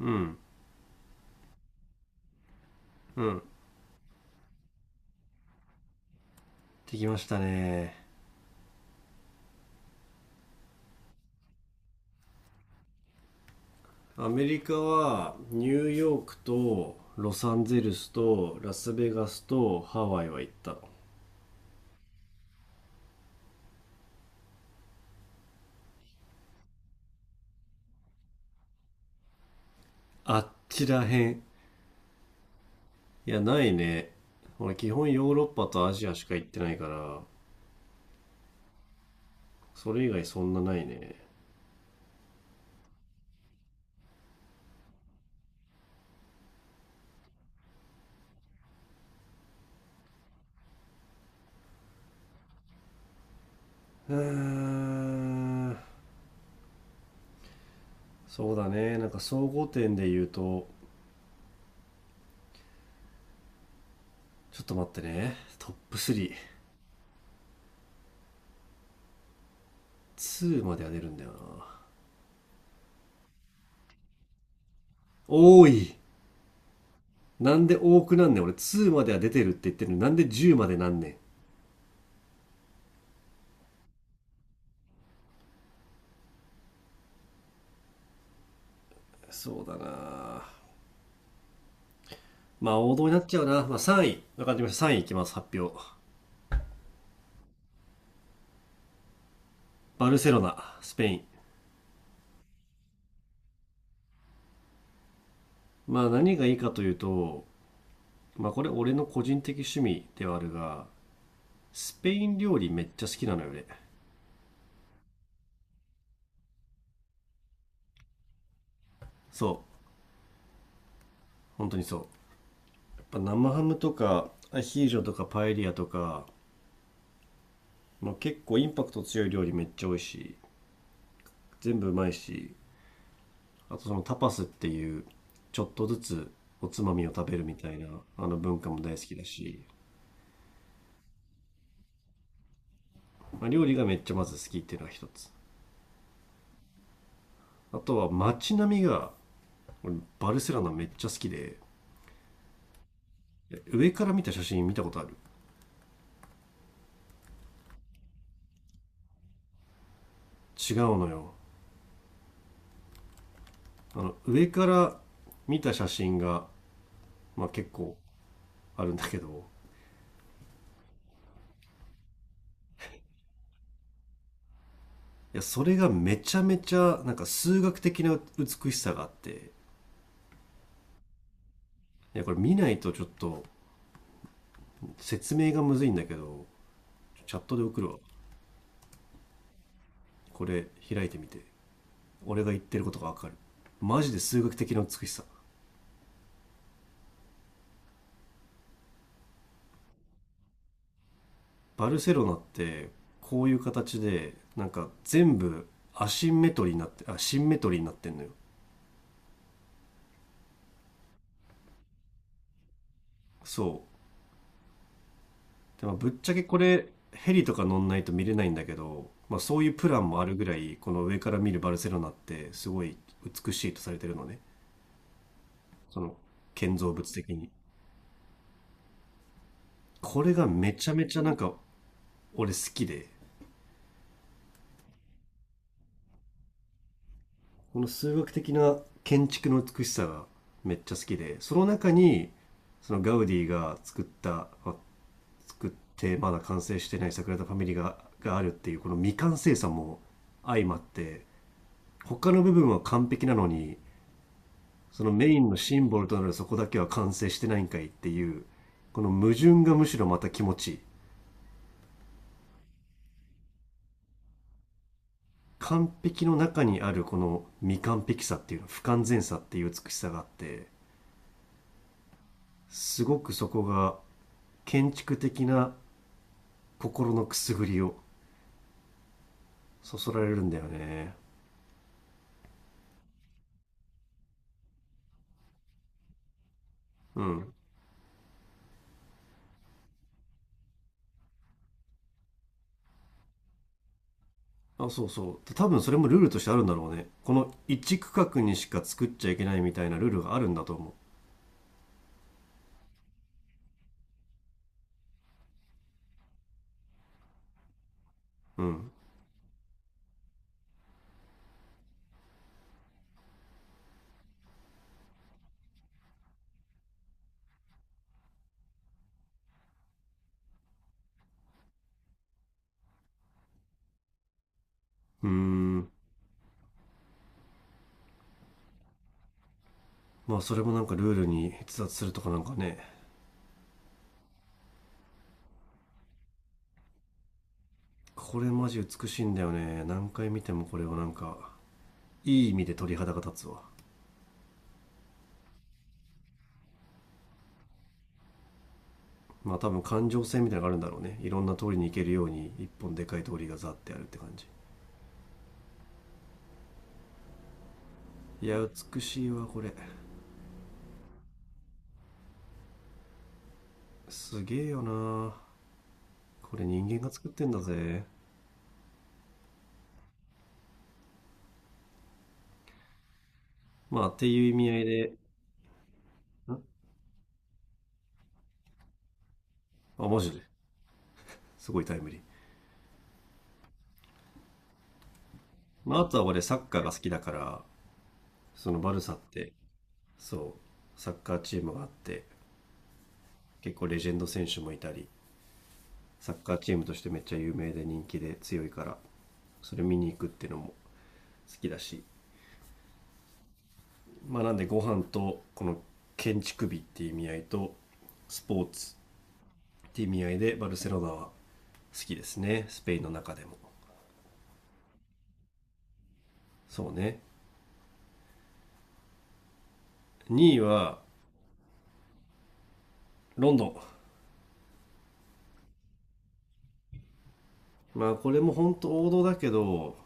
うんうん、できましたね。アメリカはニューヨークとロサンゼルスとラスベガスとハワイは行ったの。あっちらへん、いやないね。俺基本ヨーロッパとアジアしか行ってないから、それ以外そんなないね。うーんそうだね。なんか総合点で言うと、ちょっと待ってね。トップ32までは出るんだよな。多い。なんで多くなんねん。俺2までは出てるって言ってるのになんで10までなんねん。そうだな。まあ王道になっちゃうな。まあさんい、3位分かりました。3位いいきます。発表。バルセロナ、スペイン。まあ何がいいかというと、まあこれ俺の個人的趣味ではあるが、スペイン料理めっちゃ好きなのよ俺。そう、本当にそう。やっぱ生ハムとかアヒージョとかパエリアとか、まあ、結構インパクト強い料理めっちゃ美味しい。全部うまいし、あとそのタパスっていうちょっとずつおつまみを食べるみたいなあの文化も大好きだし、まあ、料理がめっちゃまず好きっていうのが一つ。あとは街並みが、俺バルセロナめっちゃ好きで、上から見た写真見たことある？違うのよ。あの上から見た写真が、まあ、結構あるんだけど、いやそれがめちゃめちゃなんか数学的な美しさがあって、いやこれ見ないとちょっと説明がむずいんだけど、チャットで送るわ。これ開いてみて。俺が言ってることがわかる。マジで数学的な美しさ。バルセロナってこういう形でなんか全部アシンメトリーになってあシンメトリーになってんのよ。そう。でもぶっちゃけこれ、ヘリとか乗んないと見れないんだけど、まあ、そういうプランもあるぐらい、この上から見るバルセロナってすごい美しいとされてるのね、その建造物的に。これがめちゃめちゃなんか俺好きで、この数学的な建築の美しさがめっちゃ好きで、その中にそのガウディが作った、まあ作ってまだ完成してないサグラダ・ファミリがあるっていうこの未完成さも相まって、他の部分は完璧なのに、そのメインのシンボルとなるそこだけは完成してないんかいっていう、この矛盾がむしろまた気持ちいい。完璧の中にあるこの未完璧さっていうの、不完全さっていう美しさがあって、すごくそこが建築的な心のくすぐりをそそられるんだよね。うん。あ、そうそう。で多分それもルールとしてあるんだろうね。この一区画にしか作っちゃいけないみたいなルールがあるんだと思う。うん。うーん。まあそれもなんかルールに逸脱するとかなんかね。これマジ美しいんだよね。何回見てもこれをなんか、いい意味で鳥肌が立つわ。まあ多分感情線みたいなのがあるんだろうね。いろんな通りに行けるように一本でかい通りがザってあるって感じ。いや、美しいわ、これ。すげえよな。これ人間が作ってんだぜ。まあ、っていう意味合いで。ん、あ、マジですごいタイムリー。まあ、あとは俺サッカーが好きだから、そのバルサって、そう、サッカーチームがあって、結構レジェンド選手もいたり、サッカーチームとしてめっちゃ有名で人気で強いから、それ見に行くっていうのも好きだし、まあ、なんでご飯とこの建築美っていう意味合いと、スポーツっていう意味合いでバルセロナは好きですね。スペインの中でも。そうね。2位は、ロンドン。まあこれも本当王道だけど、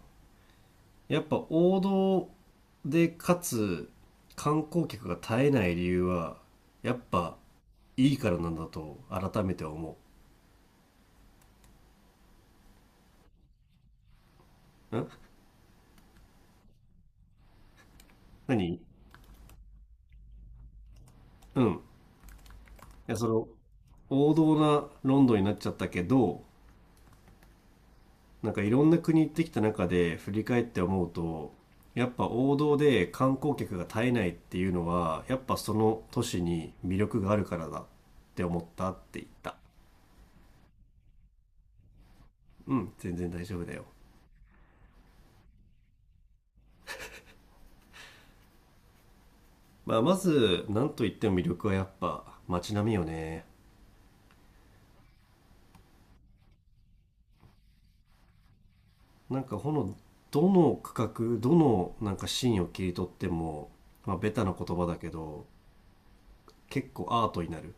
やっぱ王道でかつ観光客が絶えない理由はやっぱいいからなんだと改めて思う。ん？何？うん。いやその、王道なロンドンになっちゃったけど、なんかいろんな国行ってきた中で振り返って思うと、やっぱ王道で観光客が絶えないっていうのはやっぱその都市に魅力があるからだって思ったって言った。うん、全然大丈夫だよ。まあ、まず何といっても魅力はやっぱ街並みよね。なんかどの区画どのなんかシーンを切り取っても、まあ、ベタな言葉だけど結構アートになる、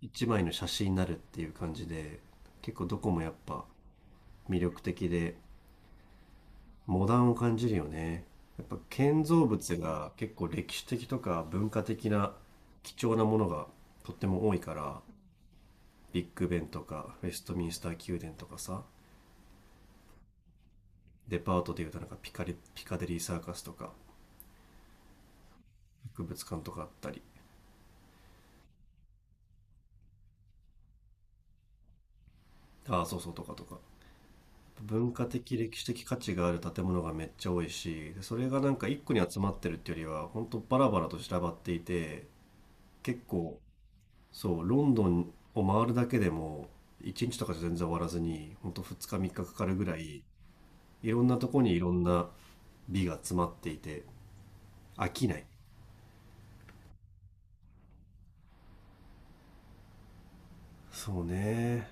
一枚の写真になるっていう感じで、結構どこもやっぱ魅力的でモダンを感じるよね。やっぱ建造物が結構歴史的とか文化的な貴重なものがとっても多いから、ビッグベンとかウェストミンスター宮殿とかさ、デパートでいうとなんかピカデリーサーカスとか博物館とかあったり、ああ、そうそう、とかとか文化的歴史的価値がある建物がめっちゃ多いし、でそれがなんか一個に集まってるっていうよりは本当バラバラと散らばっていて、結構、そうロンドンを回るだけでも1日とかじゃ全然終わらずに本当2日3日かかるぐらい、いろんなとこにいろんな美が詰まっていて飽きない。そうね。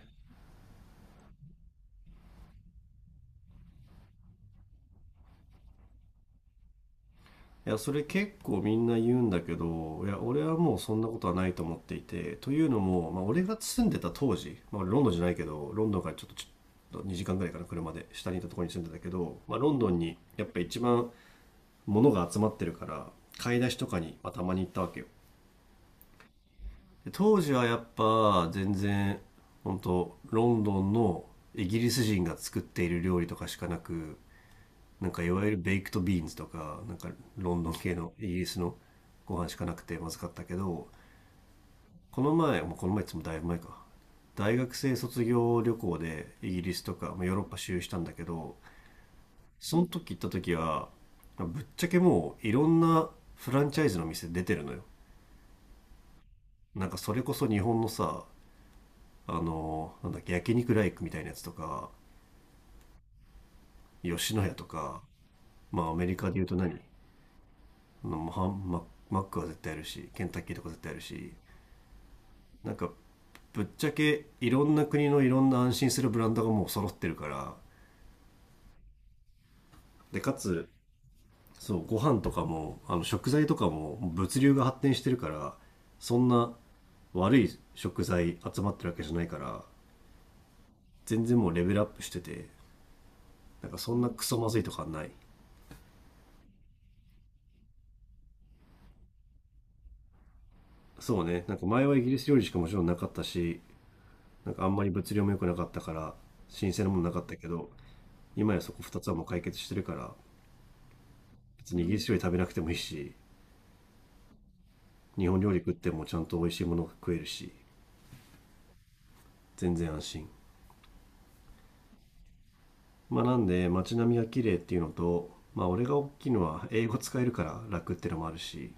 いや、それ結構みんな言うんだけど、いや、俺はもうそんなことはないと思っていて、というのも、まあ、俺が住んでた当時、まあ、俺ロンドンじゃないけど、ロンドンからちょっと2時間ぐらいかな、車で下にいたところに住んでたけど、まあ、ロンドンにやっぱ一番物が集まってるから、買い出しとかに、まあ、たまに行ったわけよ。で当時はやっぱ全然、本当ロンドンのイギリス人が作っている料理とかしかなく、なんかいわゆるベイクトビーンズとか、なんかロンドン系のイギリスのご飯しかなくてまずかったけど、この前、もうこの前っつってもだいぶ前か。大学生卒業旅行でイギリスとか、まあ、ヨーロッパ周遊したんだけど、その時行った時は、まあぶっちゃけもういろんなフランチャイズの店出てるのよ。なんかそれこそ日本のさ、あの、なんだっけ、焼肉ライクみたいなやつとか、吉野家とか、まあアメリカで言うと何、あのハンママックは絶対あるし、ケンタッキーとか絶対あるし、なんかぶっちゃけいろんな国のいろんな安心するブランドがもう揃ってるから、でかつ、そうご飯とかもあの食材とかも物流が発展してるから、そんな悪い食材集まってるわけじゃないから、全然もうレベルアップしてて、なんかそんなクソまずいとかはない。そうね。なんか前はイギリス料理しかもちろんなかったし、なんかあんまり物量も良くなかったから新鮮なものなかったけど、今やそこ2つはもう解決してるから、別にイギリス料理食べなくてもいいし、日本料理食ってもちゃんと美味しいものが食えるし、全然安心。まあなんで街並みが綺麗っていうのと、まあ俺が大きいのは英語使えるから楽っていうのもあるし、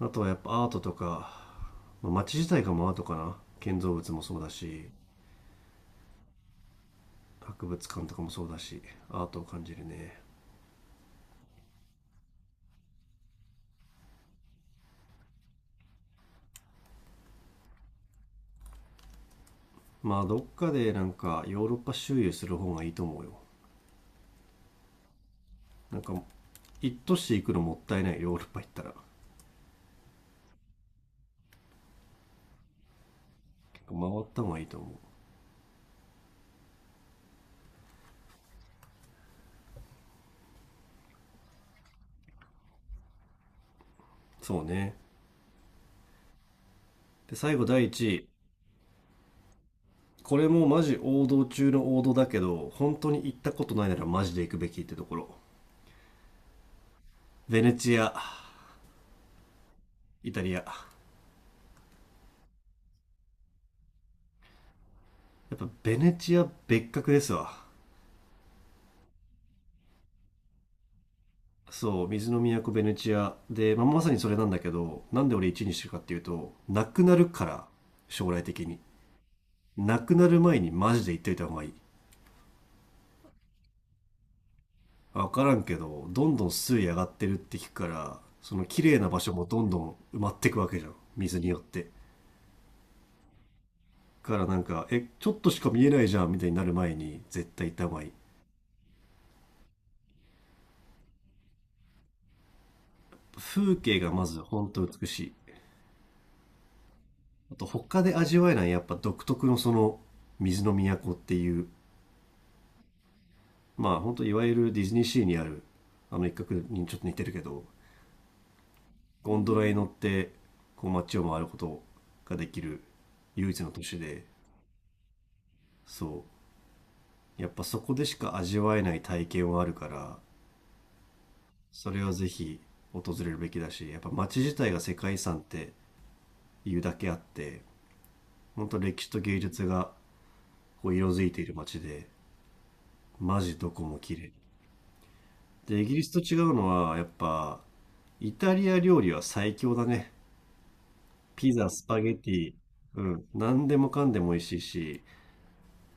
あとはやっぱアートとか、まあ、街自体がもアートかな、建造物もそうだし博物館とかもそうだし、アートを感じるね。まあどっかでなんかヨーロッパ周遊する方がいいと思うよ。なんか一都市行くのもったいない、ヨーロッパ行ったら結構回った方がいいと思う。そうね。で最後、第1位、これもマジ王道中の王道だけど、本当に行ったことないならマジで行くべきってところ、ベネチア、イタリア。やっぱベネチア別格ですわ。そう、水の都ベネチアで、まあ、まさにそれなんだけど、なんで俺1位にしてるかっていうとなくなるから。将来的になくなる前にマジで行っといた方がいい。分からんけど、どんどん水位上がってるって聞くから、その綺麗な場所もどんどん埋まってくわけじゃん、水によって。からなんか、え、ちょっとしか見えないじゃんみたいになる前に絶対行った方がいい。風景がまず本当美しい。あと他で味わえないやっぱ独特のその水の都っていう、まあ本当いわゆるディズニーシーにあるあの一角にちょっと似てるけど、ゴンドラに乗ってこう街を回ることができる唯一の都市で、そう。やっぱそこでしか味わえない体験はあるから、それはぜひ訪れるべきだし、やっぱ街自体が世界遺産っていうだけあって、本当歴史と芸術がこう色づいている街で、マジどこも綺麗。で、イギリスと違うのは、やっぱ、イタリア料理は最強だね。ピザ、スパゲティ、うん、何でもかんでも美味しいし、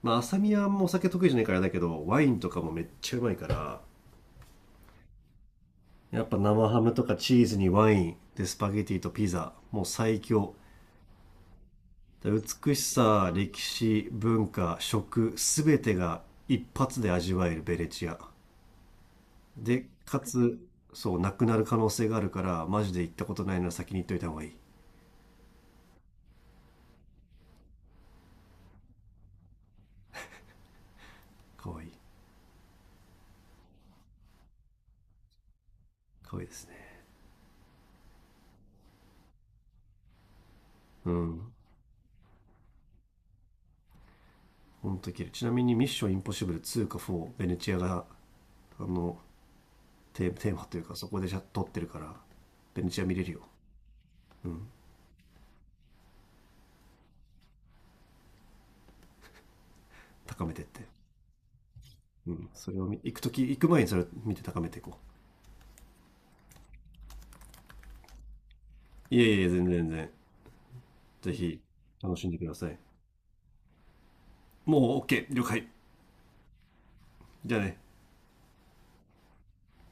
まあ、浅見はもうお酒得意じゃないからあれだけど、ワインとかもめっちゃうまいから、やっぱ生ハムとかチーズにワイン、で、スパゲティとピザ、もう最強。で美しさ、歴史、文化、食、すべてが一発で味わえるベネチア。で、かつ、そう、なくなる可能性があるから、マジで行ったことないなら先に行っといた方がいい。かわいい。かわいいですね。うん。ほんと綺麗。ちなみにミッションインポッシブル2か4、ベネチアが、あの、テーマというかそこでじゃ撮ってるから、ベネチア見れるよ。うん。高めてって。うん。それを見行くとき、行く前にそれを見て高めていこう。いえいえ、全然全然。ぜひ、楽しんでください。もう OK、了解。じゃあね。